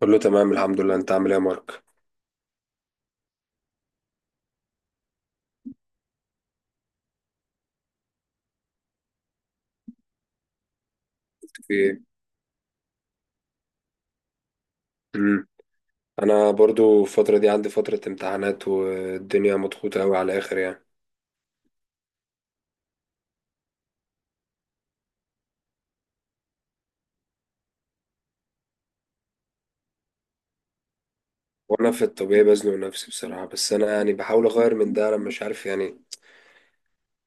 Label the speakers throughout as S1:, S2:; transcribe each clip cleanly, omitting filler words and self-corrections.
S1: كله تمام، الحمد لله. انت عامل ايه يا مارك؟ في ايه؟ امم انا برضو الفتره دي عندي فتره امتحانات، والدنيا مضغوطه قوي على الاخر يعني. وانا في الطبيعي بزنق نفسي بصراحه، بس انا يعني بحاول اغير من ده، لما مش عارف يعني.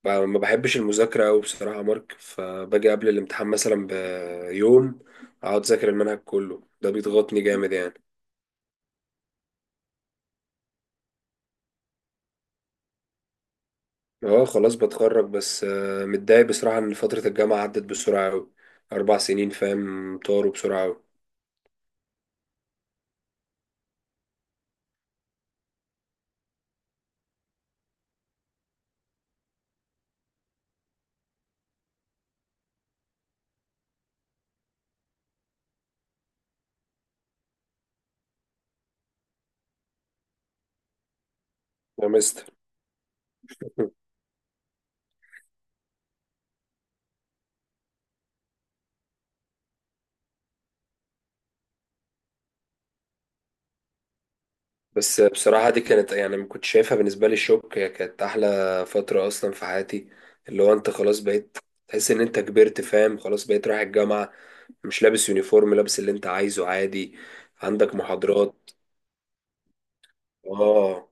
S1: ما بحبش المذاكره قوي بصراحه يا مارك، فباجي قبل الامتحان مثلا بيوم، اقعد اذاكر المنهج كله، ده بيضغطني جامد يعني. اه خلاص بتخرج، بس متضايق بصراحه ان فتره الجامعه عدت بسرعه قوي. 4 سنين فاهم، طاروا بسرعه قوي. يا مستر. بس بصراحة دي كانت يعني ما كنت شايفها بالنسبة لي شوك، هي كانت أحلى فترة أصلا في حياتي. اللي هو أنت خلاص بقيت تحس إن أنت كبرت، فاهم، خلاص بقيت رايح الجامعة، مش لابس يونيفورم، لابس اللي أنت عايزه عادي، عندك محاضرات. آه،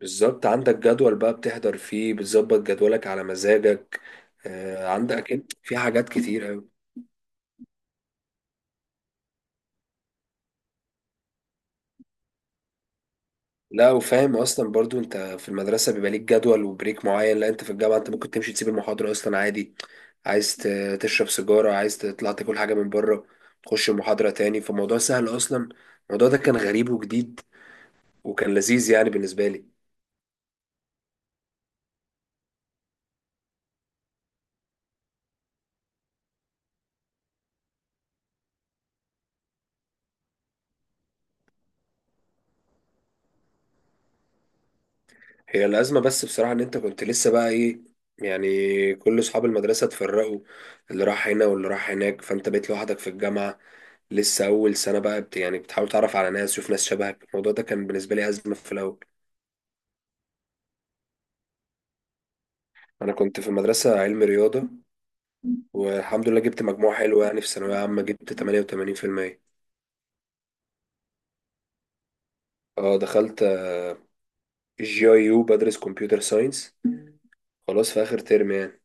S1: بالظبط، عندك جدول بقى بتحضر فيه، بتظبط جدولك على مزاجك. آه، عندك أكيد في حاجات كتير أوي. لا، وفاهم اصلا برضو انت في المدرسه بيبقى ليك جدول وبريك معين، لا انت في الجامعه انت ممكن تمشي تسيب المحاضره اصلا عادي. عايز تشرب سيجاره، عايز تطلع تاكل حاجه من بره، تخش المحاضره تاني، فالموضوع سهل اصلا. الموضوع ده كان غريب وجديد، وكان لذيذ يعني بالنسبه لي. هي الازمه بس بصراحه ان انت كنت لسه بقى ايه، يعني كل اصحاب المدرسه اتفرقوا، اللي راح هنا واللي راح هناك، فانت بقيت لوحدك في الجامعه، لسه اول سنه بقى يعني بتحاول تعرف على ناس وشوف ناس شبهك. الموضوع ده كان بالنسبه لي ازمه في الاول. انا كنت في مدرسة علم رياضة، والحمد لله جبت مجموع حلو يعني، في ثانوية عامة جبت 88%. اه دخلت جي اي يو بدرس كمبيوتر ساينس، خلاص في اخر ترم يعني.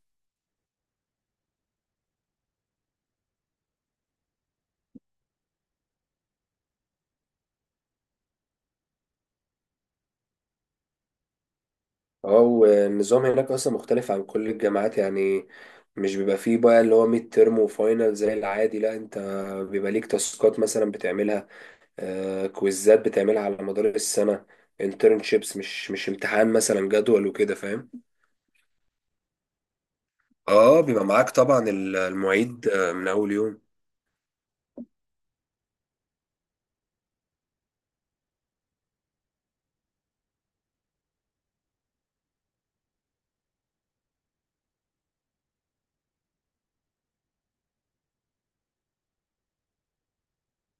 S1: اه، والنظام هناك اصلا مختلف عن كل الجامعات يعني، مش بيبقى فيه بقى اللي هو ميد ترم وفاينل زي العادي، لا انت بيبقى ليك تاسكات مثلا بتعملها، آه، كويزات بتعملها على مدار السنة، انترنشيبس، مش امتحان مثلا جدول وكده فاهم. اه بيبقى معاك طبعا المعيد من اول يوم.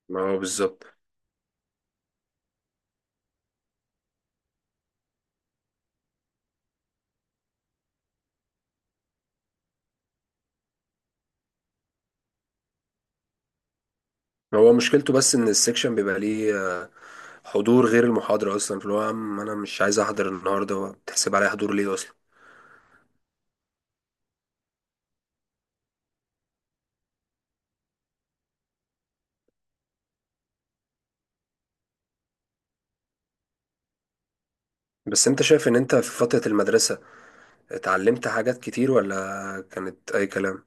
S1: ما هو بالظبط. هو مشكلته بس ان السكشن بيبقى ليه حضور غير المحاضرة اصلا، فاللي هو يا عم انا مش عايز احضر النهاردة، بتحسب عليا حضور ليه اصلا؟ بس انت شايف ان انت في فترة المدرسة اتعلمت حاجات كتير ولا كانت اي كلام؟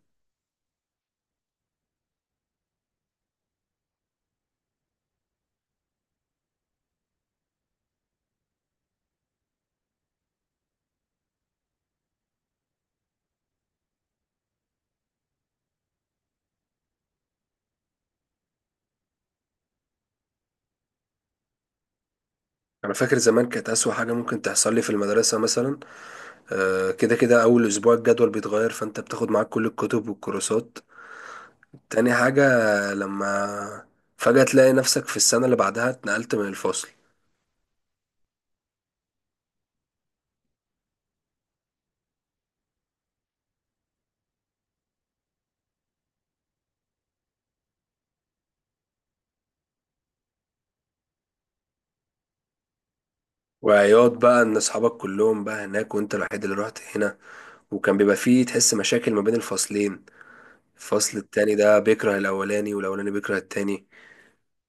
S1: انا فاكر زمان كانت اسوأ حاجة ممكن تحصل لي في المدرسة مثلا، كده كده اول اسبوع الجدول بيتغير، فانت بتاخد معاك كل الكتب والكورسات. تاني حاجة، لما فجأة تلاقي نفسك في السنة اللي بعدها اتنقلت من الفصل، وعياط بقى ان اصحابك كلهم بقى هناك وانت الوحيد اللي رحت هنا، وكان بيبقى فيه تحس مشاكل ما بين الفصلين، الفصل التاني ده بيكره الاولاني والاولاني بيكره التاني،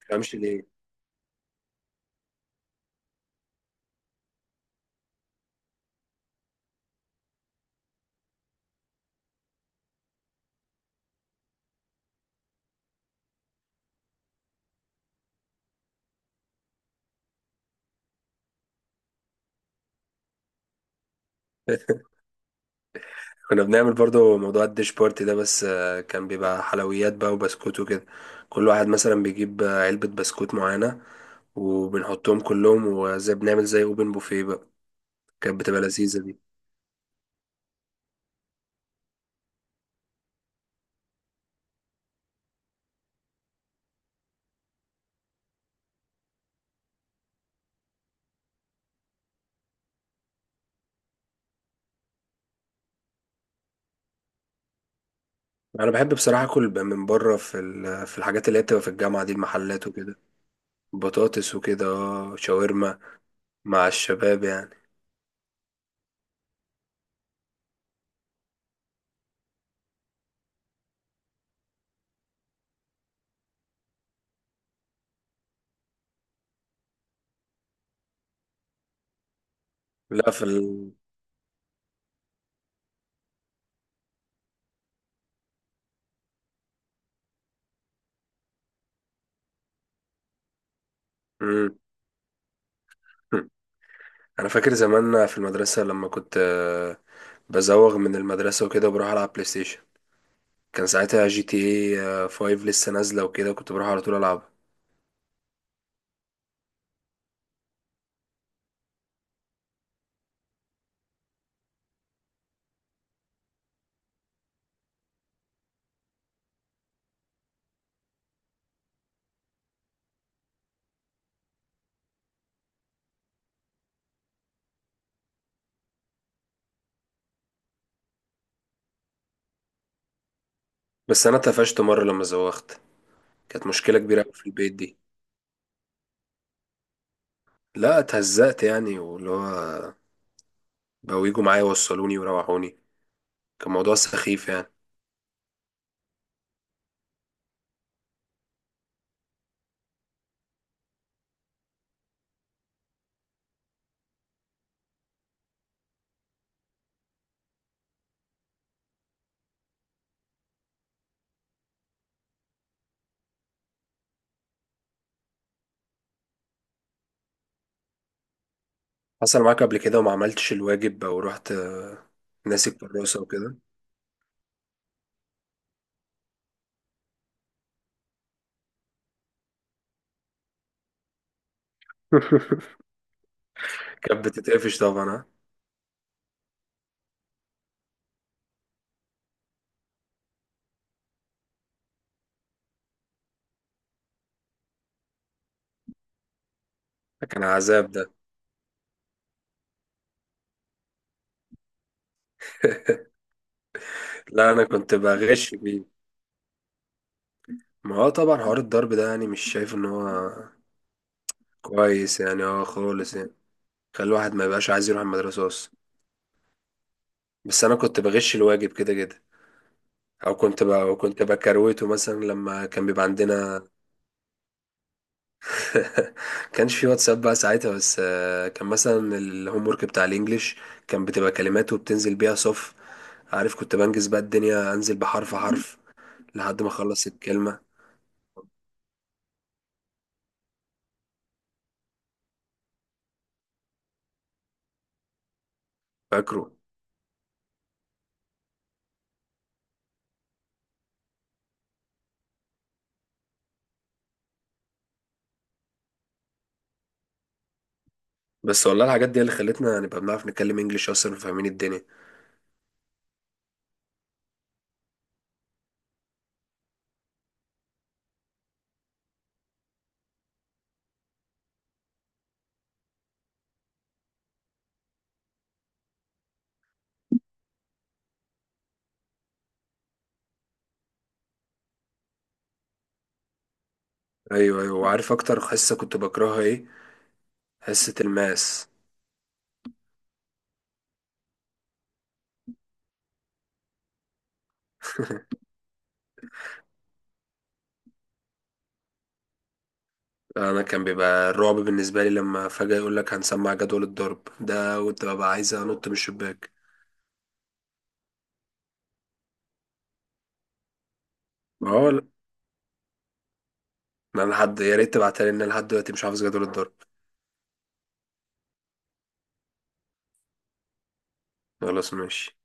S1: مفهمش ليه. كنا بنعمل برضو موضوع الديش بارتي ده، بس كان بيبقى حلويات بقى وبسكوت وكده، كل واحد مثلا بيجيب علبة بسكوت معينة، وبنحطهم كلهم وزي بنعمل زي اوبن بوفيه بقى. كانت بتبقى لذيذة دي. انا بحب بصراحة اكل من بره في في الحاجات اللي هي بتبقى في الجامعة دي، المحلات وكده، بطاطس وكده، اه شاورما، مع الشباب يعني. لا، مم. انا فاكر زمان في المدرسة لما كنت بزوغ من المدرسة وكده، وبروح العب بلاي ستيشن. كان ساعتها جي تي اي 5 لسه نازلة وكده، كنت بروح على طول العبها. بس انا اتقفشت مرة لما زوغت، كانت مشكلة كبيرة أوي في البيت دي. لا اتهزقت يعني، واللي هو بقوا يجوا معايا يوصلوني ويروحوني، كان موضوع سخيف يعني. حصل معاك قبل كده وما عملتش الواجب او رحت ناسي الكراسة وكده؟ كانت بتتقفش طبعا، ها؟ ده كان عذاب ده. لا انا كنت بغش بيه. ما هو طبعا حوار الضرب ده يعني مش شايف ان هو كويس يعني، اه خالص يعني، خلي الواحد ما يبقاش عايز يروح المدرسه اصلا. بس انا كنت بغش الواجب كده كده، او كنت بكروته مثلا لما كان بيبقى عندنا. كانش في واتساب بقى ساعتها، بس كان مثلا الهوم ورك بتاع الانجليش، كان بتبقى كلمات وبتنزل بيها صف، عارف، كنت بنجز بقى الدنيا انزل بحرف حرف لحد ما اخلص الكلمه. فاكره. بس والله الحاجات دي اللي خلتنا نبقى بنعرف نتكلم انجليش اصلا وفاهمين الدنيا. ايوه، ايوه، وعارف اكتر حصه كنت بكرهها ايه؟ حصه الماس. انا كان بيبقى الرعب بالنسبه لي لما فجاه يقول لك هنسمع جدول الضرب، ده كنت ببقى عايز انط من الشباك. ما هو لا. ما انا لحد، يا ريت تبعتها لي، ان أنا لحد دلوقتي مش حافظ جدول الضرب. خلاص، ماشي.